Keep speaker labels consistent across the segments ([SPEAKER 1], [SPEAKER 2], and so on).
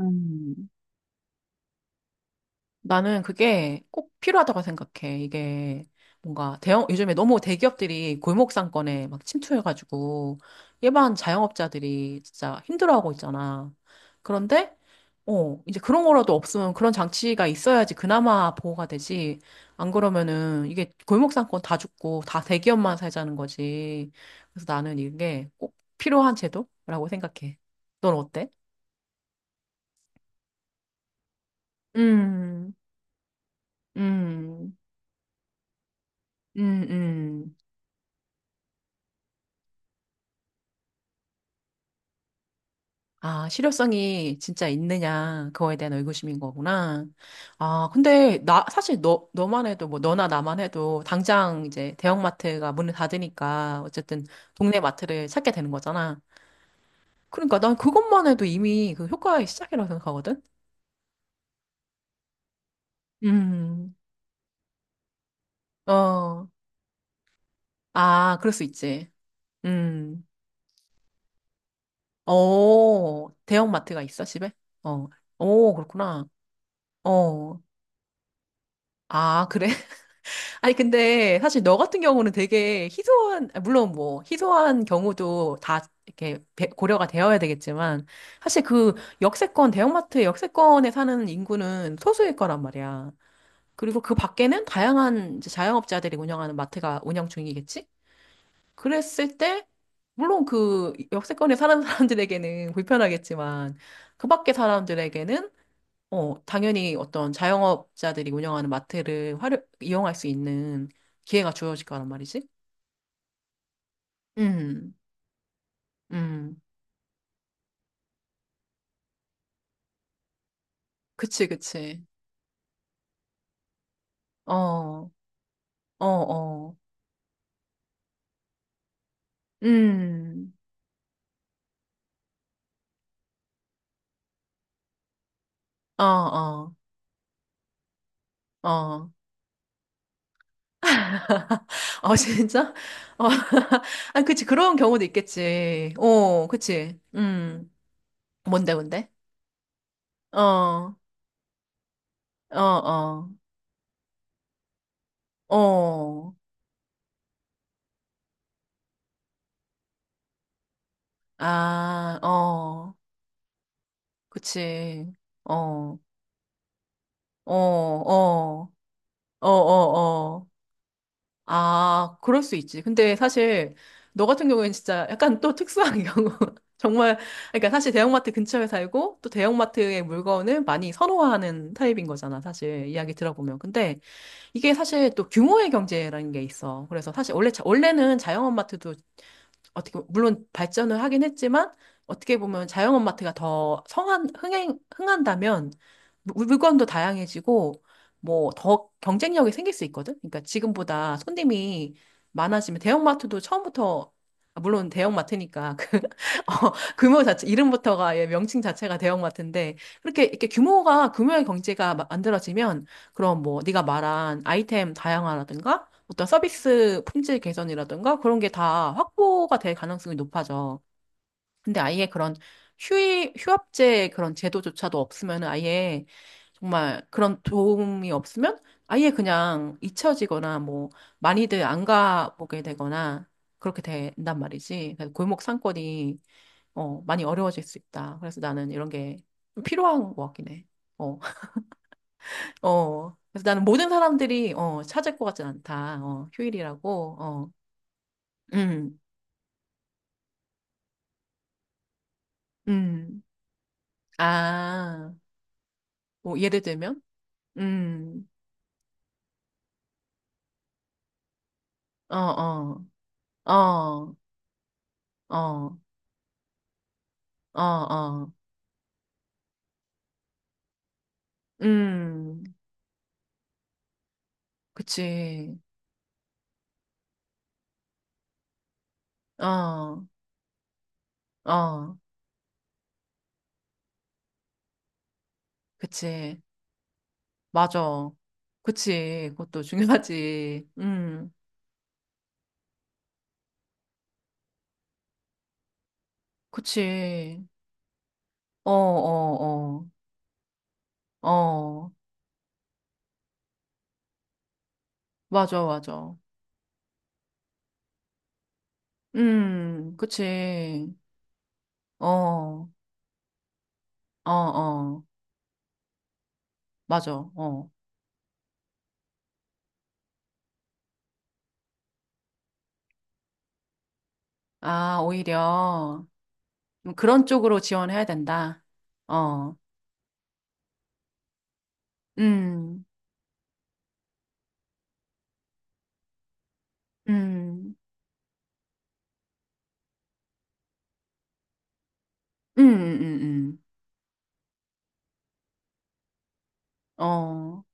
[SPEAKER 1] 음, 나는 그게 꼭 필요하다고 생각해. 이게 뭔가 요즘에 너무 대기업들이 골목 상권에 막 침투해가지고 일반 자영업자들이 진짜 힘들어하고 있잖아. 그런데, 이제 그런 거라도 없으면 그런 장치가 있어야지 그나마 보호가 되지. 안 그러면은 이게 골목 상권 다 죽고 다 대기업만 살자는 거지. 그래서 나는 이게 꼭 필요한 제도라고 생각해. 넌 어때? 음, 음, 음, 음. 아, 실효성이 진짜 있느냐, 그거에 대한 의구심인 거구나. 아, 근데 나, 사실 너만 해도, 뭐, 너나 나만 해도, 당장 이제 대형마트가 문을 닫으니까, 어쨌든 동네 마트를 찾게 되는 거잖아. 그러니까 난 그것만 해도 이미 그 효과의 시작이라고 생각하거든? 음, 어, 아, 그럴 수 있지. 음, 어, 대형마트가 있어, 집에? 어, 오, 그렇구나. 어, 아, 그래? 아니, 근데 사실 너 같은 경우는 되게 희소한, 아, 물론 뭐, 희소한 경우도 다 이렇게 고려가 되어야 되겠지만, 사실 그 역세권, 대형마트 역세권에 사는 인구는 소수일 거란 말이야. 그리고 그 밖에는 다양한 이제 자영업자들이 운영하는 마트가 운영 중이겠지? 그랬을 때, 물론 그 역세권에 사는 사람들에게는 불편하겠지만, 그 밖에 사람들에게는 당연히 어떤 자영업자들이 운영하는 마트를 이용할 수 있는 기회가 주어질 거란 말이지. 음, 음, 그치, 그치. 어, 어, 어, 음, 어, 어, 어. 어, 진짜? 어, 아, 그치, 그런 경우도 있겠지. 어, 그치. 뭔데, 뭔데? 어, 어, 어, 어, 아, 어, 그치. 어, 어, 어. 어, 어, 어. 아, 그럴 수 있지. 근데 사실 너 같은 경우에는 진짜 약간 또 특수한 경우. 정말, 그러니까 사실 대형마트 근처에 살고 또 대형마트의 물건을 많이 선호하는 타입인 거잖아, 사실. 이야기 들어보면. 근데 이게 사실 또 규모의 경제라는 게 있어. 그래서 사실 원래는 자영업 마트도 어떻게 보면, 물론 발전을 하긴 했지만 어떻게 보면 자영업 마트가 더 성한 흥행 흥한다면 물건도 다양해지고 뭐 더 경쟁력이 생길 수 있거든. 그러니까 지금보다 손님이 많아지면 대형 마트도 처음부터, 아, 물론 대형 마트니까 어, 규모 자체 이름부터가, 예, 명칭 자체가 대형 마트인데 그렇게 이렇게 규모가 규모의 경제가 만들어지면 그럼 뭐 네가 말한 아이템 다양화라든가 어떤 서비스 품질 개선이라든가 그런 게 다 확보가 될 가능성이 높아져. 근데 아예 그런 휴업제 그런 제도조차도 없으면, 아예 정말 그런 도움이 없으면 아예 그냥 잊혀지거나 뭐 많이들 안 가보게 되거나 그렇게 된단 말이지. 그래서 골목 상권이 많이 어려워질 수 있다. 그래서 나는 이런 게좀 필요한 것 같긴 해. 어, 어. 그래서 나는 모든 사람들이 찾을 것 같진 않다. 어, 휴일이라고. 어. 음, 음. 아, 뭐, 예를 들면? 음, 어, 어, 어, 어, 어, 어. 음, 그치. 어, 어, 그치. 맞아. 그치. 그것도 중요하지. 그치. 어, 어, 어, 어. 맞아, 맞아. 그치. 어, 어, 어. 맞아. 어. 아, 오히려. 뭐 그런 쪽으로 지원해야 된다. 어, 음, 음, 음, 음, 음, 어,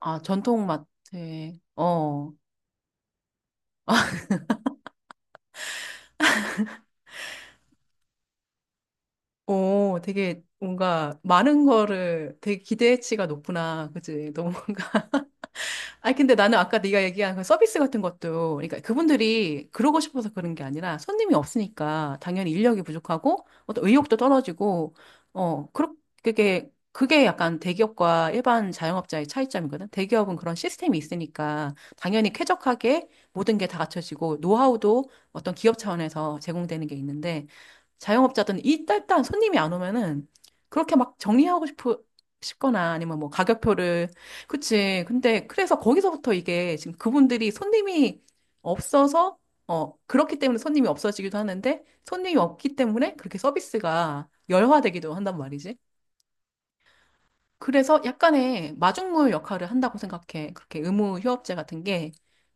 [SPEAKER 1] 아, 전통마트에, 어, 오, 되게 뭔가 많은 거를 되게 기대치가 높구나. 그치? 너무 뭔가, 아니 근데 나는 아까 네가 얘기한 그 서비스 같은 것도, 그러니까 그분들이 그러고 싶어서 그런 게 아니라 손님이 없으니까 당연히 인력이 부족하고 어떤 의욕도 떨어지고, 어 그렇게, 그게 약간 대기업과 일반 자영업자의 차이점이거든. 대기업은 그런 시스템이 있으니까 당연히 쾌적하게 모든 게 다 갖춰지고 노하우도 어떤 기업 차원에서 제공되는 게 있는데, 자영업자들은 일단 손님이 안 오면은 그렇게 막 정리하고 싶 싶거나 아니면 뭐 가격표를, 그치. 근데 그래서 거기서부터 이게 지금 그분들이 손님이 없어서, 어 그렇기 때문에 손님이 없어지기도 하는데 손님이 없기 때문에 그렇게 서비스가 열화되기도 한단 말이지. 그래서 약간의 마중물 역할을 한다고 생각해. 그렇게 의무 휴업제 같은 게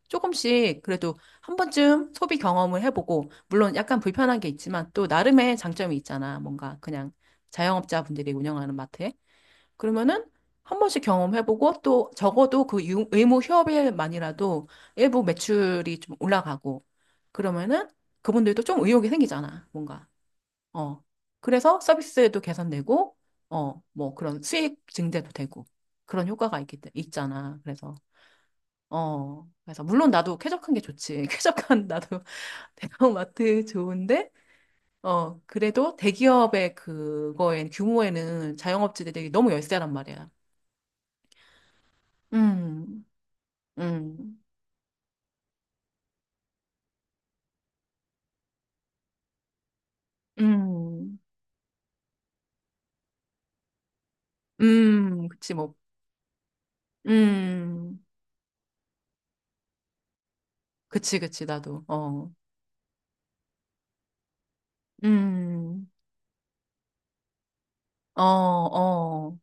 [SPEAKER 1] 조금씩 그래도 한 번쯤 소비 경험을 해보고, 물론 약간 불편한 게 있지만 또 나름의 장점이 있잖아. 뭔가 그냥 자영업자분들이 운영하는 마트에. 그러면은 한 번씩 경험해보고 또 적어도 그 의무 휴업일만이라도 일부 매출이 좀 올라가고, 그러면은 그분들도 좀 의욕이 생기잖아, 뭔가. 어. 그래서 서비스도 개선되고, 어, 뭐 그런 수익 증대도 되고 그런 효과가 있기, 때- 있잖아. 그래서, 어. 그래서 물론 나도 쾌적한 게 좋지. 쾌적한 나도 대형마트 좋은데, 어, 그래도 대기업의 그거엔 규모에는 자영업자들이 너무 열세란 말이야. 음, 음, 음, 그치, 뭐, 음, 그치, 그치, 나도, 어, 음, 어, 어,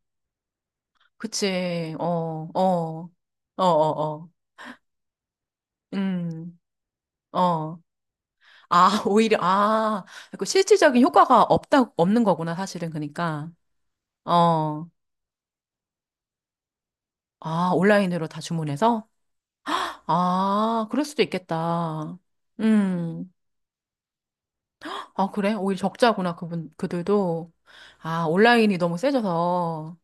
[SPEAKER 1] 그치, 어, 어, 어, 어, 어, 음, 어, 아, 오히려, 아, 그 실질적인 효과가 없다, 없는 거구나, 사실은, 그니까, 어, 아, 온라인으로 다 주문해서? 아, 그럴 수도 있겠다. 음, 아, 그래? 오히려 적자구나, 그분, 그들도. 아, 온라인이 너무 세져서.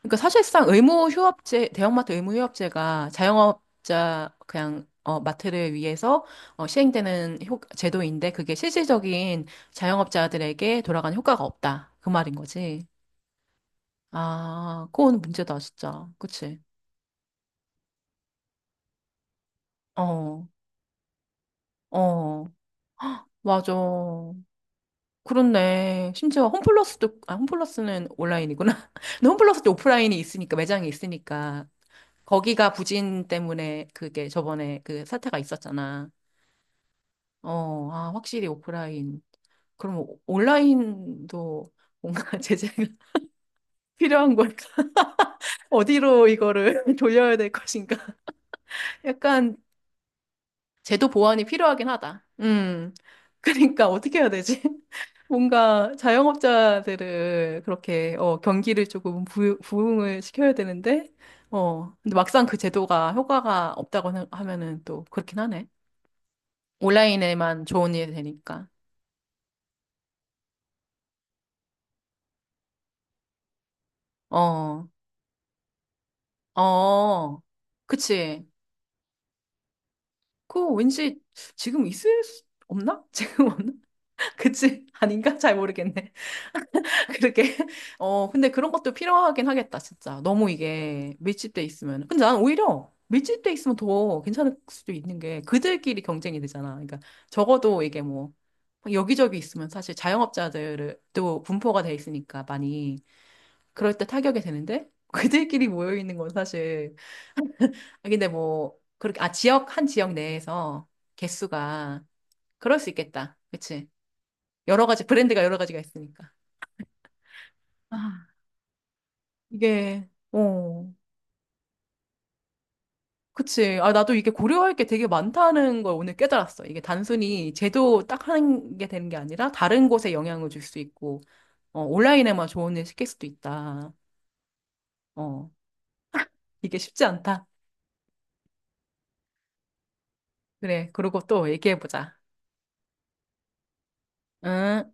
[SPEAKER 1] 그러니까 사실상 의무 휴업제, 대형마트 의무 휴업제가 자영업자 그냥, 어, 마트를 위해서, 어, 시행되는 효, 제도인데 그게 실질적인 자영업자들에게 돌아가는 효과가 없다. 그 말인 거지. 아, 그건 문제다, 진짜. 그치? 어, 어, 맞아. 그렇네. 심지어 홈플러스도, 아, 홈플러스는 온라인이구나. 근데 홈플러스도 오프라인이 있으니까, 매장이 있으니까. 거기가 부진 때문에 그게 저번에 그 사태가 있었잖아. 어, 아, 확실히 오프라인. 그럼 온라인도 뭔가 제재가 필요한 걸까? 어디로 이거를 돌려야 될 것인가? 약간 제도 보완이 필요하긴 하다. 음. 그러니까 어떻게 해야 되지? 뭔가 자영업자들을 그렇게, 어, 경기를 조금 부흥을 시켜야 되는데, 어, 근데 막상 그 제도가 효과가 없다고 하면은 또 그렇긴 하네. 온라인에만 좋은 일이 되니까. 어. 어. 그치. 그거 왠지 지금 있을 수 없나? 지금 없나? 그치? 아닌가? 잘 모르겠네. 그렇게. 어, 근데 그런 것도 필요하긴 하겠다, 진짜. 너무 이게 밀집돼 있으면. 근데 난 오히려 밀집돼 있으면 더 괜찮을 수도 있는 게 그들끼리 경쟁이 되잖아. 그러니까 적어도 이게 뭐 여기저기 있으면 사실 자영업자들도 분포가 돼 있으니까 많이 그럴 때 타격이 되는데 그들끼리 모여 있는 건 사실. 아, 근데 뭐 그렇게, 아, 지역, 한 지역 내에서 개수가 그럴 수 있겠다. 그치? 여러 가지, 브랜드가 여러 가지가 있으니까. 아, 이게, 어, 그치. 아, 나도 이게 고려할 게 되게 많다는 걸 오늘 깨달았어. 이게 단순히 제도 딱 하는 게 되는 게 아니라 다른 곳에 영향을 줄 수 있고, 어, 온라인에만 조언을 시킬 수도 있다. 어, 이게 쉽지 않다. 그래. 그리고 또 얘기해보자. 응.